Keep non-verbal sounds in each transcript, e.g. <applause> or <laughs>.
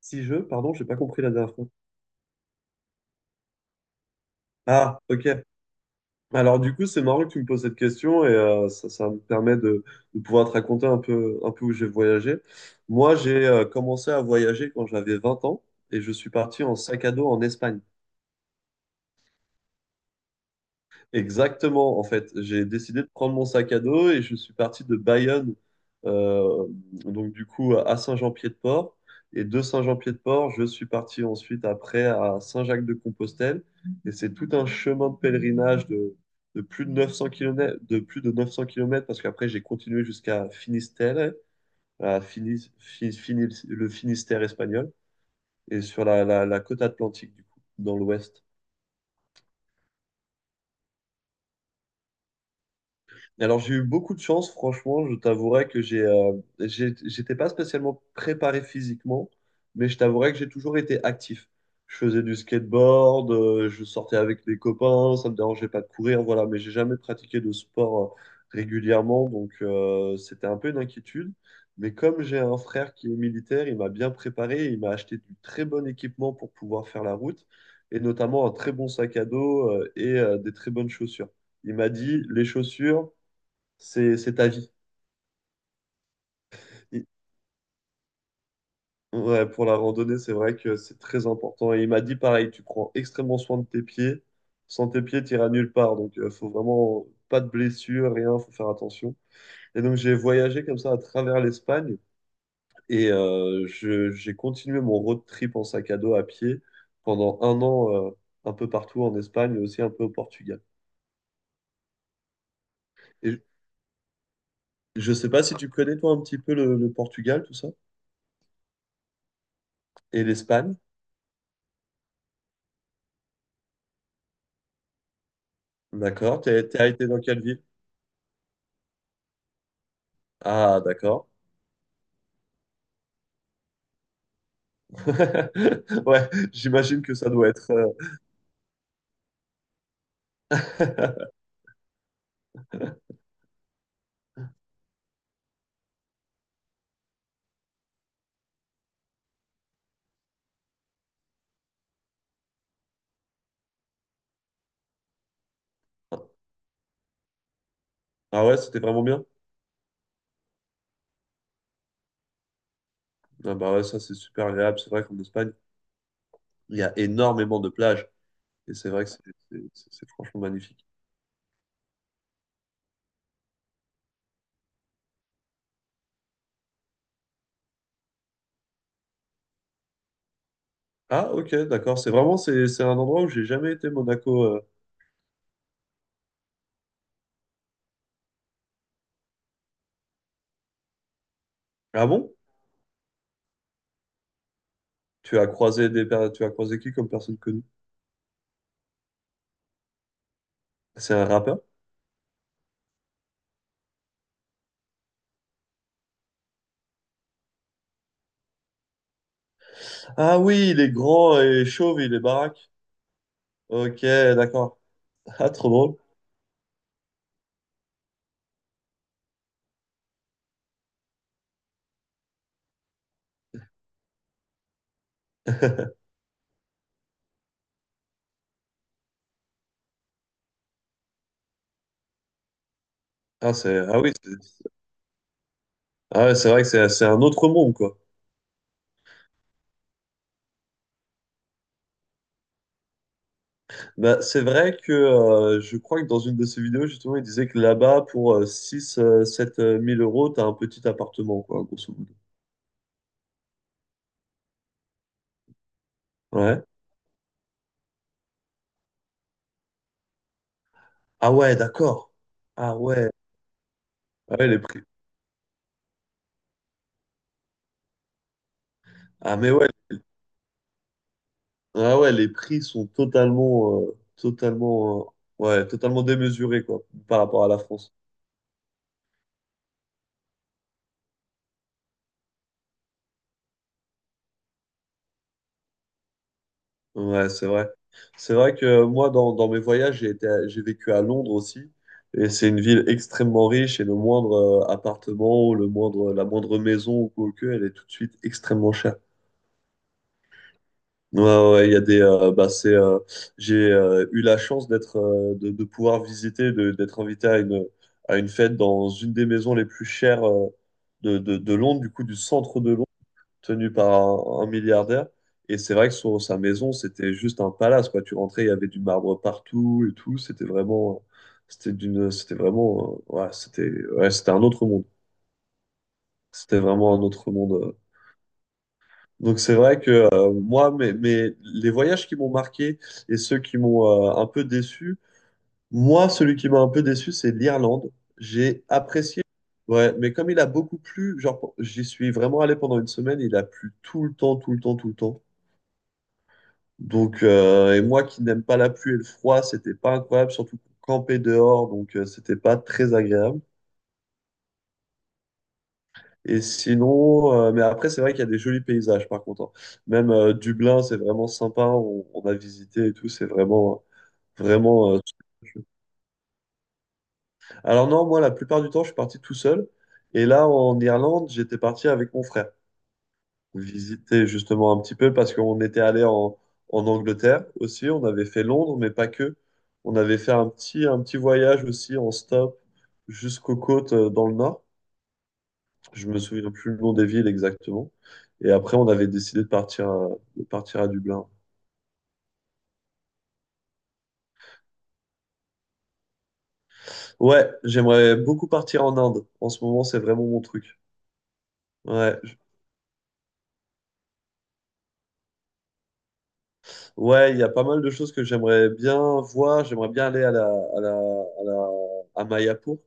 Si je, pardon, j'ai pas compris la dernière fois. Ah, ok. Alors du coup, c'est marrant que tu me poses cette question et ça, ça me permet de pouvoir te raconter un peu où j'ai voyagé. Moi, j'ai commencé à voyager quand j'avais 20 ans et je suis parti en sac à dos en Espagne. Exactement, en fait, j'ai décidé de prendre mon sac à dos et je suis parti de Bayonne, euh, donc du coup à Saint-Jean-Pied-de-Port. Et de Saint-Jean-Pied-de-Port, je suis parti ensuite après à Saint-Jacques-de-Compostelle. Et c'est tout un chemin de pèlerinage de plus de 900 km, de plus de 900 kilomètres parce qu'après j'ai continué jusqu'à Finistère, à Finis- Fi- Finis- le Finistère espagnol, et sur la, la côte atlantique, du coup, dans l'ouest. Alors j'ai eu beaucoup de chance, franchement, je t'avouerai que j'étais pas spécialement préparé physiquement, mais je t'avouerai que j'ai toujours été actif. Je faisais du skateboard, je sortais avec des copains, ça me dérangeait pas de courir, voilà, mais j'ai jamais pratiqué de sport régulièrement, donc c'était un peu une inquiétude. Mais comme j'ai un frère qui est militaire, il m'a bien préparé, il m'a acheté du très bon équipement pour pouvoir faire la route, et notamment un très bon sac à dos et des très bonnes chaussures. Il m'a dit, les chaussures, c'est ta vie. Et- ouais, pour la randonnée, c'est vrai que c'est très important. Et il m'a dit pareil, tu prends extrêmement soin de tes pieds. Sans tes pieds, tu iras nulle part. Donc, il faut vraiment pas de blessures, rien, faut faire attention. Et donc, j'ai voyagé comme ça à travers l'Espagne et j'ai continué mon road trip en sac à dos à pied pendant un an, un peu partout en Espagne, et aussi un peu au Portugal. Et je sais pas si tu connais, toi, un petit peu le Portugal, tout ça, et l'Espagne. D'accord. T'as été dans quelle ville? Ah, d'accord. <laughs> Ouais, j'imagine que ça doit être. <laughs> Ah ouais, c'était vraiment bien. Ah bah ouais, ça c'est super agréable. C'est vrai qu'en Espagne, il y a énormément de plages. Et c'est vrai que c'est franchement magnifique. Ah ok, d'accord. C'est vraiment c'est un endroit où j'ai jamais été, Monaco. Ah bon? Tu as croisé qui comme personne connue? C'est un rappeur? Ah oui, il est grand et chauve, il est baraque. Ok, d'accord. Ah trop drôle. <laughs> Ah c'est ah oui, c'est Ah ouais, c'est vrai que c'est un autre monde quoi. Bah, c'est vrai que je crois que dans une de ses vidéos, justement, il disait que là-bas, pour 6, 7 euros, t'as un petit appartement, quoi, grosso modo. Ouais. Ah ouais, d'accord. Ah ouais. Ah ouais, les prix. Ah mais ouais. Ah ouais, les prix sont totalement, totalement, ouais, totalement démesurés, quoi, par rapport à la France. Ouais, c'est vrai. C'est vrai que moi, dans, dans mes voyages, j'ai vécu à Londres aussi. Et c'est une ville extrêmement riche et le moindre appartement ou le moindre, la moindre maison ou quoi que, elle est tout de suite extrêmement chère. Ouais, ouais, ouais, il y a des, bah, c'est, j'ai eu la chance d'être, de pouvoir visiter, d'être invité à une fête dans une des maisons les plus chères de Londres, du coup, du centre de Londres tenu par un milliardaire. Et c'est vrai que sur sa maison, c'était juste un palace, quoi. Tu rentrais, il y avait du marbre partout et tout. C'était vraiment, c'était d'une, c'était vraiment, ouais, c'était un autre monde. C'était vraiment un autre monde. Donc c'est vrai que moi, mais les voyages qui m'ont marqué et ceux qui m'ont un peu déçu, moi, celui qui m'a un peu déçu, c'est l'Irlande. J'ai apprécié. Ouais, mais comme il a beaucoup plu, genre, j'y suis vraiment allé pendant une semaine, il a plu tout le temps, tout le temps, tout le temps. Donc, et moi qui n'aime pas la pluie et le froid, c'était pas incroyable, surtout pour camper dehors, donc c'était pas très agréable. Et sinon, mais après, c'est vrai qu'il y a des jolis paysages par contre, hein. Même Dublin, c'est vraiment sympa, on a visité et tout, c'est vraiment, vraiment. Alors, non, moi, la plupart du temps, je suis parti tout seul. Et là, en Irlande, j'étais parti avec mon frère. Visiter justement un petit peu parce qu'on était allé en, en Angleterre aussi, on avait fait Londres, mais pas que. On avait fait un petit voyage aussi en stop jusqu'aux côtes dans le nord. Je me souviens plus le nom des villes exactement. Et après, on avait décidé de partir à Dublin. Ouais, j'aimerais beaucoup partir en Inde. En ce moment, c'est vraiment mon truc. Ouais, je- ouais, il y a pas mal de choses que j'aimerais bien voir. J'aimerais bien aller à la, à la, à la, à Mayapur.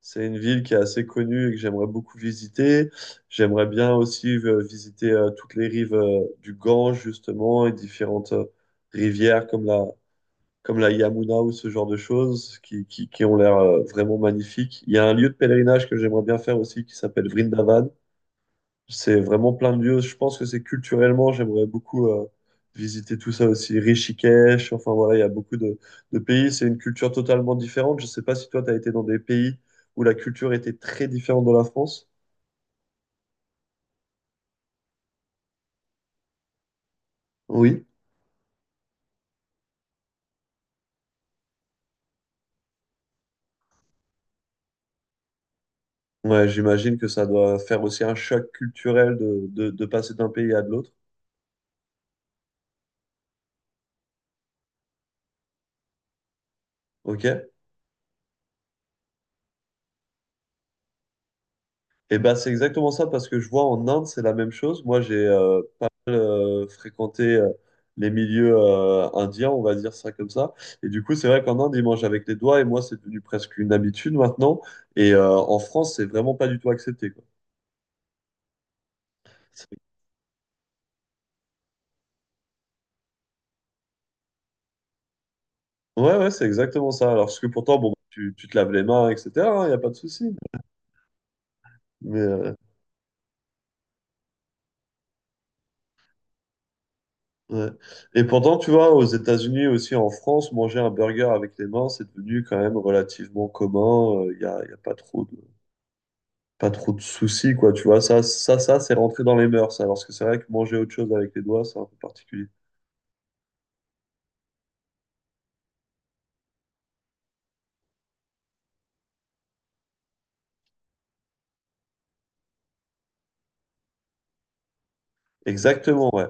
C'est une ville qui est assez connue et que j'aimerais beaucoup visiter. J'aimerais bien aussi visiter toutes les rives du Gange, justement, et différentes rivières comme la Yamuna ou ce genre de choses qui ont l'air vraiment magnifiques. Il y a un lieu de pèlerinage que j'aimerais bien faire aussi qui s'appelle Vrindavan. C'est vraiment plein de lieux. Je pense que c'est culturellement, j'aimerais beaucoup visiter tout ça aussi. Rishikesh, enfin voilà, il y a beaucoup de pays. C'est une culture totalement différente. Je sais pas si toi, tu as été dans des pays où la culture était très différente de la France. Oui. Ouais, j'imagine que ça doit faire aussi un choc culturel de passer d'un pays à de l'autre. Ok. Eh ben, c'est exactement ça parce que je vois en Inde, c'est la même chose. Moi, j'ai pas mal fréquenté les milieux indiens, on va dire ça comme ça. Et du coup, c'est vrai qu'en Inde, ils mangent avec les doigts et moi, c'est devenu presque une habitude maintenant. Et en France, c'est vraiment pas du tout accepté, quoi. C'est- Ouais, ouais, c'est exactement ça. Alors, parce que pourtant, bon, tu te laves les mains, etc., il n'y a pas de souci. Mais, ouais. Et pourtant, tu vois, aux États-Unis aussi, en France, manger un burger avec les mains, c'est devenu quand même relativement commun. Il n'y a, y a pas trop de... pas trop de soucis, quoi, tu vois. Ça, c'est rentré dans les mœurs, alors parce que c'est vrai que manger autre chose avec les doigts, c'est un peu particulier. Exactement, ouais.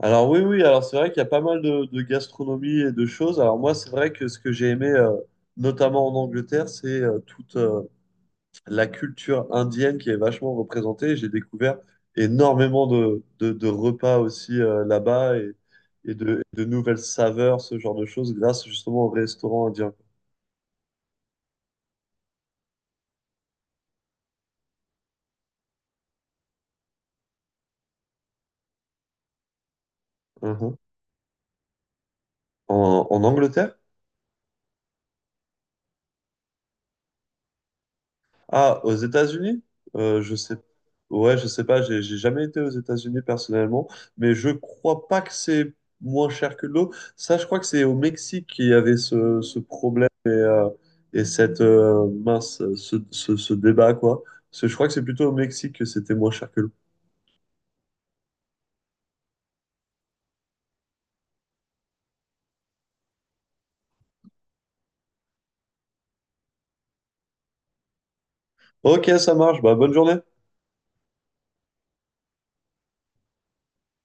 Alors oui, oui, alors c'est vrai qu'il y a pas mal de gastronomie et de choses. Alors moi, c'est vrai que ce que j'ai aimé, notamment en Angleterre, c'est toute la culture indienne qui est vachement représentée. J'ai découvert énormément de, de repas aussi là-bas et de nouvelles saveurs, ce genre de choses, grâce justement au restaurant indien. Mhm. En, en Angleterre? Ah, aux États-Unis? Je sais. Ouais, je sais pas, j'ai jamais été aux États-Unis personnellement, mais je crois pas que c'est moins cher que l'eau. Ça, je crois que c'est au Mexique qu'il y avait ce, ce problème et cette mince, ce débat, quoi. Parce que je crois que c'est plutôt au Mexique que c'était moins cher que l'eau. Ok, ça marche, bah, bonne journée.